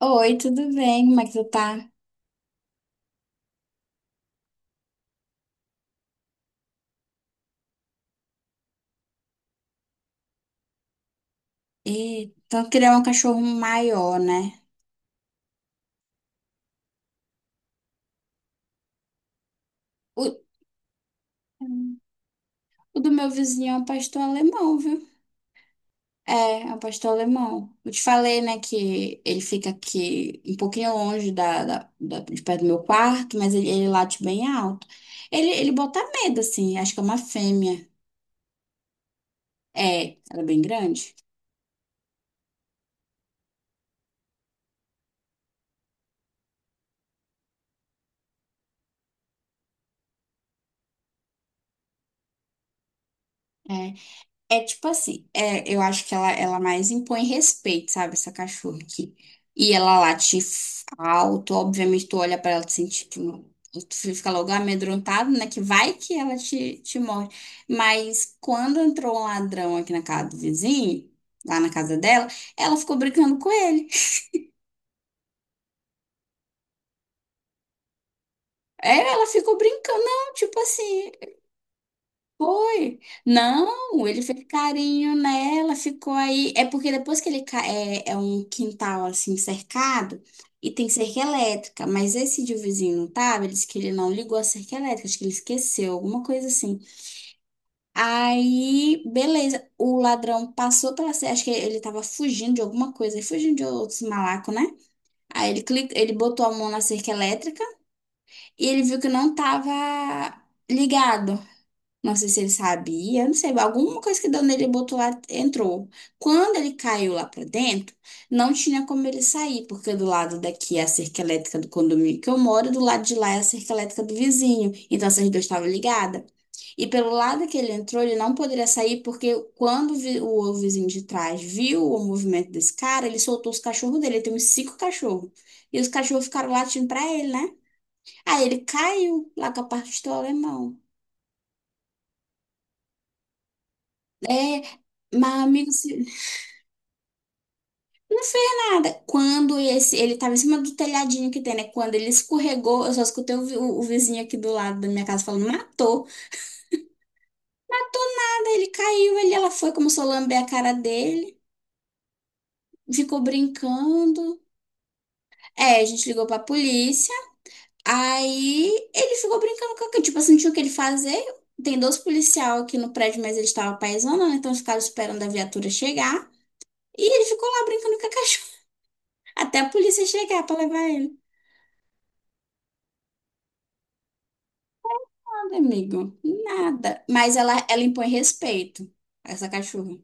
Oi, tudo bem? Como é que tu tá? E então criar um cachorro maior, né? O, Hum. O do meu vizinho é um pastor alemão, viu? É, é um pastor alemão. Eu te falei, né, que ele fica aqui um pouquinho longe de perto do meu quarto, mas ele late bem alto. Ele bota medo, assim, acho que é uma fêmea. É, ela é bem grande. É. É tipo assim, eu acho que ela mais impõe respeito, sabe? Essa cachorra aqui. E ela late alto, obviamente tu olha pra ela e tu sente, tipo, tu fica logo amedrontado, né? Que vai que ela te morde. Mas quando entrou um ladrão aqui na casa do vizinho, lá na casa dela, ela ficou brincando com ele. É, ela ficou brincando, não, tipo assim. Foi? Não, ele fez carinho nela, ficou aí. É porque depois que é um quintal assim cercado e tem cerca elétrica, mas esse de vizinho não tava. Ele disse que ele não ligou a cerca elétrica, acho que ele esqueceu, alguma coisa assim. Aí, beleza, o ladrão passou pela cerca, acho que ele tava fugindo de alguma coisa, fugindo de outros malacos, né? Aí ele clica, ele botou a mão na cerca elétrica e ele viu que não tava ligado. Não sei se ele sabia, não sei, alguma coisa que deu nele, ele botou lá, entrou. Quando ele caiu lá pra dentro, não tinha como ele sair, porque do lado daqui é a cerca elétrica do condomínio que eu moro, e do lado de lá é a cerca elétrica do vizinho. Então essas duas estavam ligadas. E pelo lado que ele entrou, ele não poderia sair, porque quando o vizinho de trás viu o movimento desse cara, ele soltou os cachorros dele. Ele tem uns cinco cachorros. E os cachorros ficaram latindo pra ele, né? Aí ele caiu lá com a parte do alemão. É, mas amigo, não fez nada. Quando esse, ele tava em cima do telhadinho que tem, né? Quando ele escorregou, eu só escutei o vizinho aqui do lado da minha casa falando, matou. Matou nada, ele caiu, ele, ela foi, começou a lamber a cara dele, ficou brincando. É, a gente ligou pra polícia, aí ele ficou brincando com aquilo, tipo assim, não tinha o que ele fazer. Tem dois policial aqui no prédio, mas eles estavam paisando, né? Então eles ficaram esperando a viatura chegar. E ele ficou lá brincando com a cachorra, até a polícia chegar pra levar ele. Nada, amigo. Nada. Mas ela impõe respeito, essa cachorra.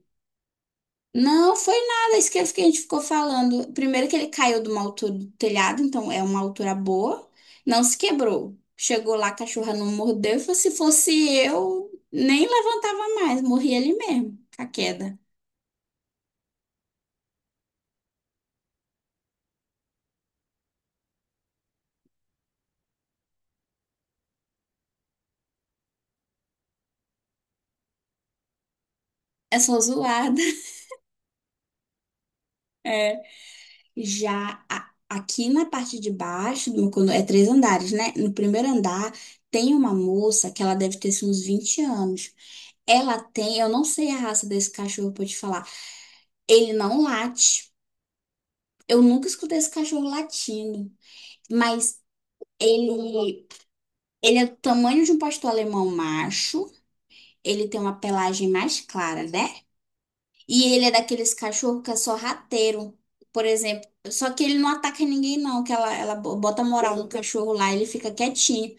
Não foi nada isso que a gente ficou falando. Primeiro que ele caiu de uma altura do telhado, então é uma altura boa. Não se quebrou. Chegou lá, a cachorra não mordeu. E falou, se fosse eu, nem levantava mais. Morri ali mesmo, com a queda. É só zoada. Já aqui na parte de baixo, é três andares, né? No primeiro andar tem uma moça que ela deve ter assim, uns 20 anos. Ela tem, eu não sei a raça desse cachorro pra te falar. Ele não late. Eu nunca escutei esse cachorro latindo, mas ele ele é do tamanho de um pastor alemão macho. Ele tem uma pelagem mais clara, né? E ele é daqueles cachorro que é só sorrateiro, por exemplo. Só que ele não ataca ninguém, não, que ela bota moral no cachorro lá, ele fica quietinho.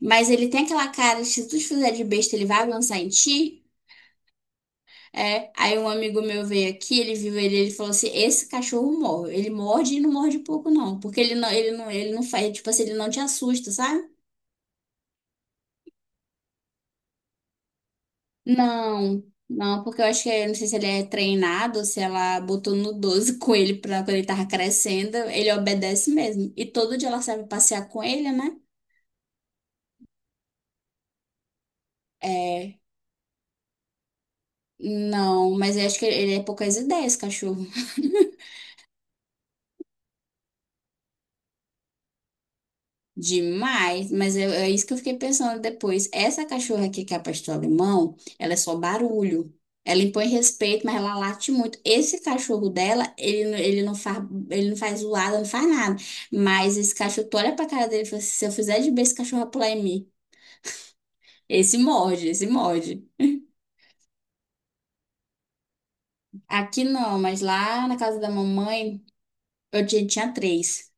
Mas ele tem aquela cara, se tu te fizer de besta, ele vai avançar em ti. É, aí um amigo meu veio aqui, ele viu ele, ele falou assim, esse cachorro morre. Ele morde e não morde pouco, não. Porque ele não faz, tipo assim, ele não te assusta, sabe? Não, não, porque eu acho que, eu não sei se ele é treinado, se ela botou no 12 com ele pra quando ele tava crescendo, ele obedece mesmo. E todo dia ela serve passear com ele, né? É, não, mas eu acho que ele é poucas ideias, cachorro. Demais, mas é isso que eu fiquei pensando depois. Essa cachorra aqui que é a pastor alemão, ela é só barulho. Ela impõe respeito, mas ela late muito. Esse cachorro dela, ele não faz zoada, não faz nada. Mas esse cachorro, tu olha pra cara dele e fala assim, se eu fizer de bem, esse cachorro vai pular em mim. Esse morde, esse morde. Aqui não, mas lá na casa da mamãe, eu tinha, tinha três.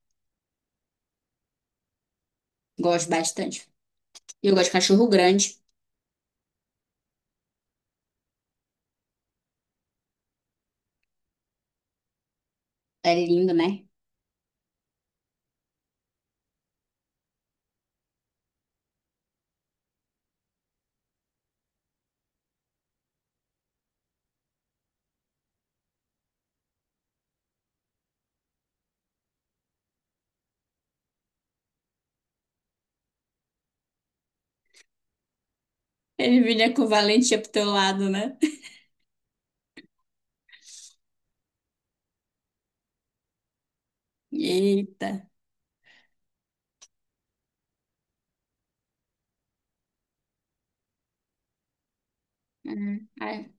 Gosto bastante. E eu gosto de cachorro grande. É lindo, né? Ele vinha com valentia pro teu lado, né? Eita. É, é,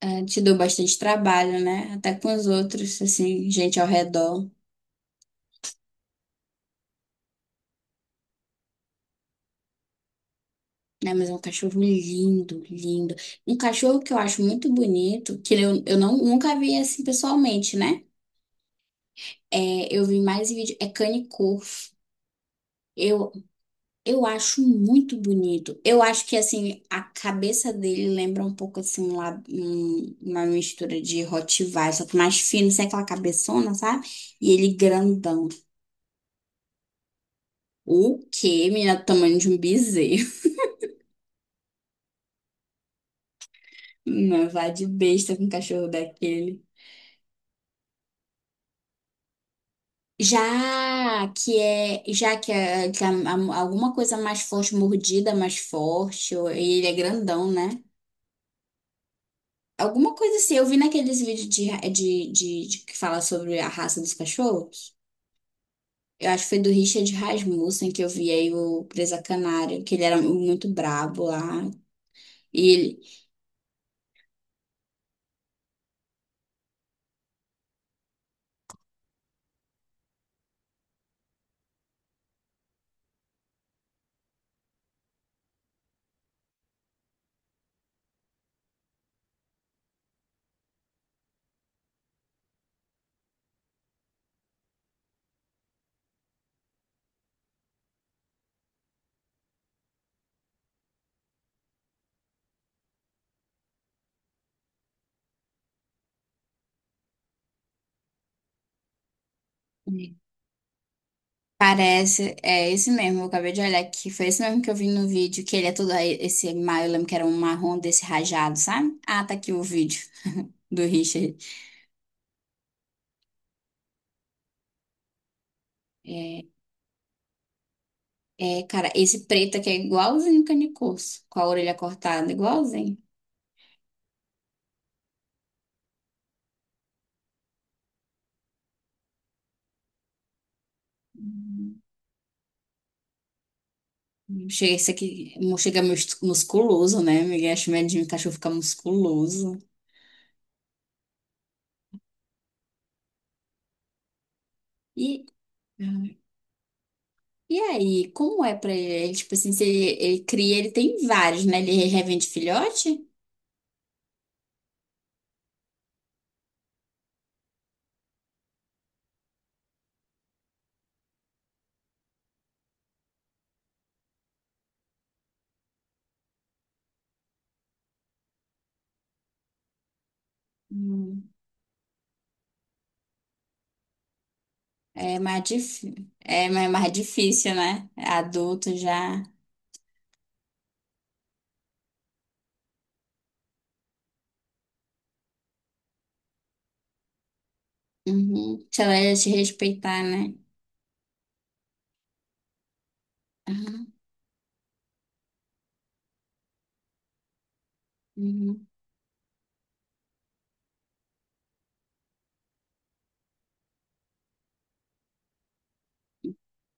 é, te deu bastante trabalho, né? Até com os outros, assim, gente ao redor. Né? Mas é um cachorro lindo, lindo. Um cachorro que eu acho muito bonito, que eu não, nunca vi assim pessoalmente, né? É, eu vi mais em vídeo, é Canicor. Eu, eu acho muito bonito. Eu acho que, assim, a cabeça dele lembra um pouco, assim, uma mistura de Rottweiler, só que mais fino, sem aquela cabeçona, sabe? E ele grandão. O quê, menina? Do tamanho de um bezerro. Não vá de besta com um cachorro daquele. Já que, é, que a- alguma coisa mais forte, mordida mais forte, e ele é grandão, né? Alguma coisa assim, eu vi naqueles vídeos de, ra- de que fala sobre a raça dos cachorros. Eu acho que foi do Richard Rasmussen que eu vi aí o Presa Canária, que ele era muito brabo lá. E ele, parece, é esse mesmo, eu acabei de olhar aqui, foi esse mesmo que eu vi no vídeo, que ele é todo esse, mar eu lembro que era um marrom desse rajado, sabe? Ah, tá aqui o vídeo do Richard. É, é, cara, esse preto aqui é igualzinho o Canicos, com a orelha cortada, igualzinho. Hum. Chega esse aqui, chega musculoso, né? Miguel acho medinho, o cachorro fica musculoso. E, e aí, como é pra ele? Tipo assim, se ele cria, ele tem vários, né? Ele revende filhote? Hum. É mais, dif... é mais difícil, né? Adulto já. Uhum. Se ela ia te respeitar, né? Aham. Uhum.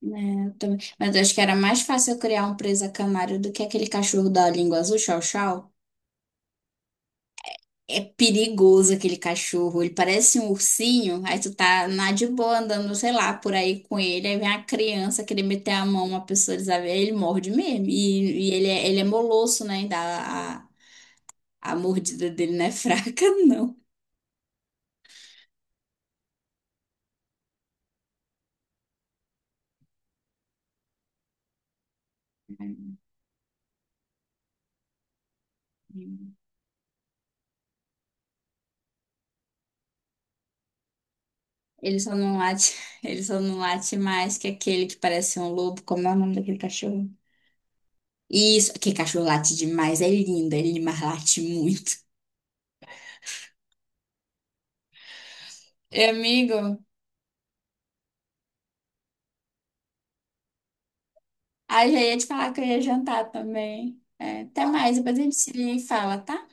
É, eu também. Mas eu acho que era mais fácil eu criar um presa canário do que aquele cachorro da língua azul, chau chau. É perigoso aquele cachorro. Ele parece um ursinho. Aí tu tá na de boa andando, sei lá, por aí com ele. Aí vem a criança querer meter a mão, uma pessoa desabia, ele morde mesmo. E ele é molosso, né? Ainda a mordida dele não é fraca, não. Ele só não late, ele só não late mais que aquele que parece um lobo. Como é o nome daquele cachorro? Isso, que cachorro late demais, é lindo, ele mas late muito. E, amigo, ah, já ia te falar que eu ia jantar também. É, até mais, depois a gente se fala, tá?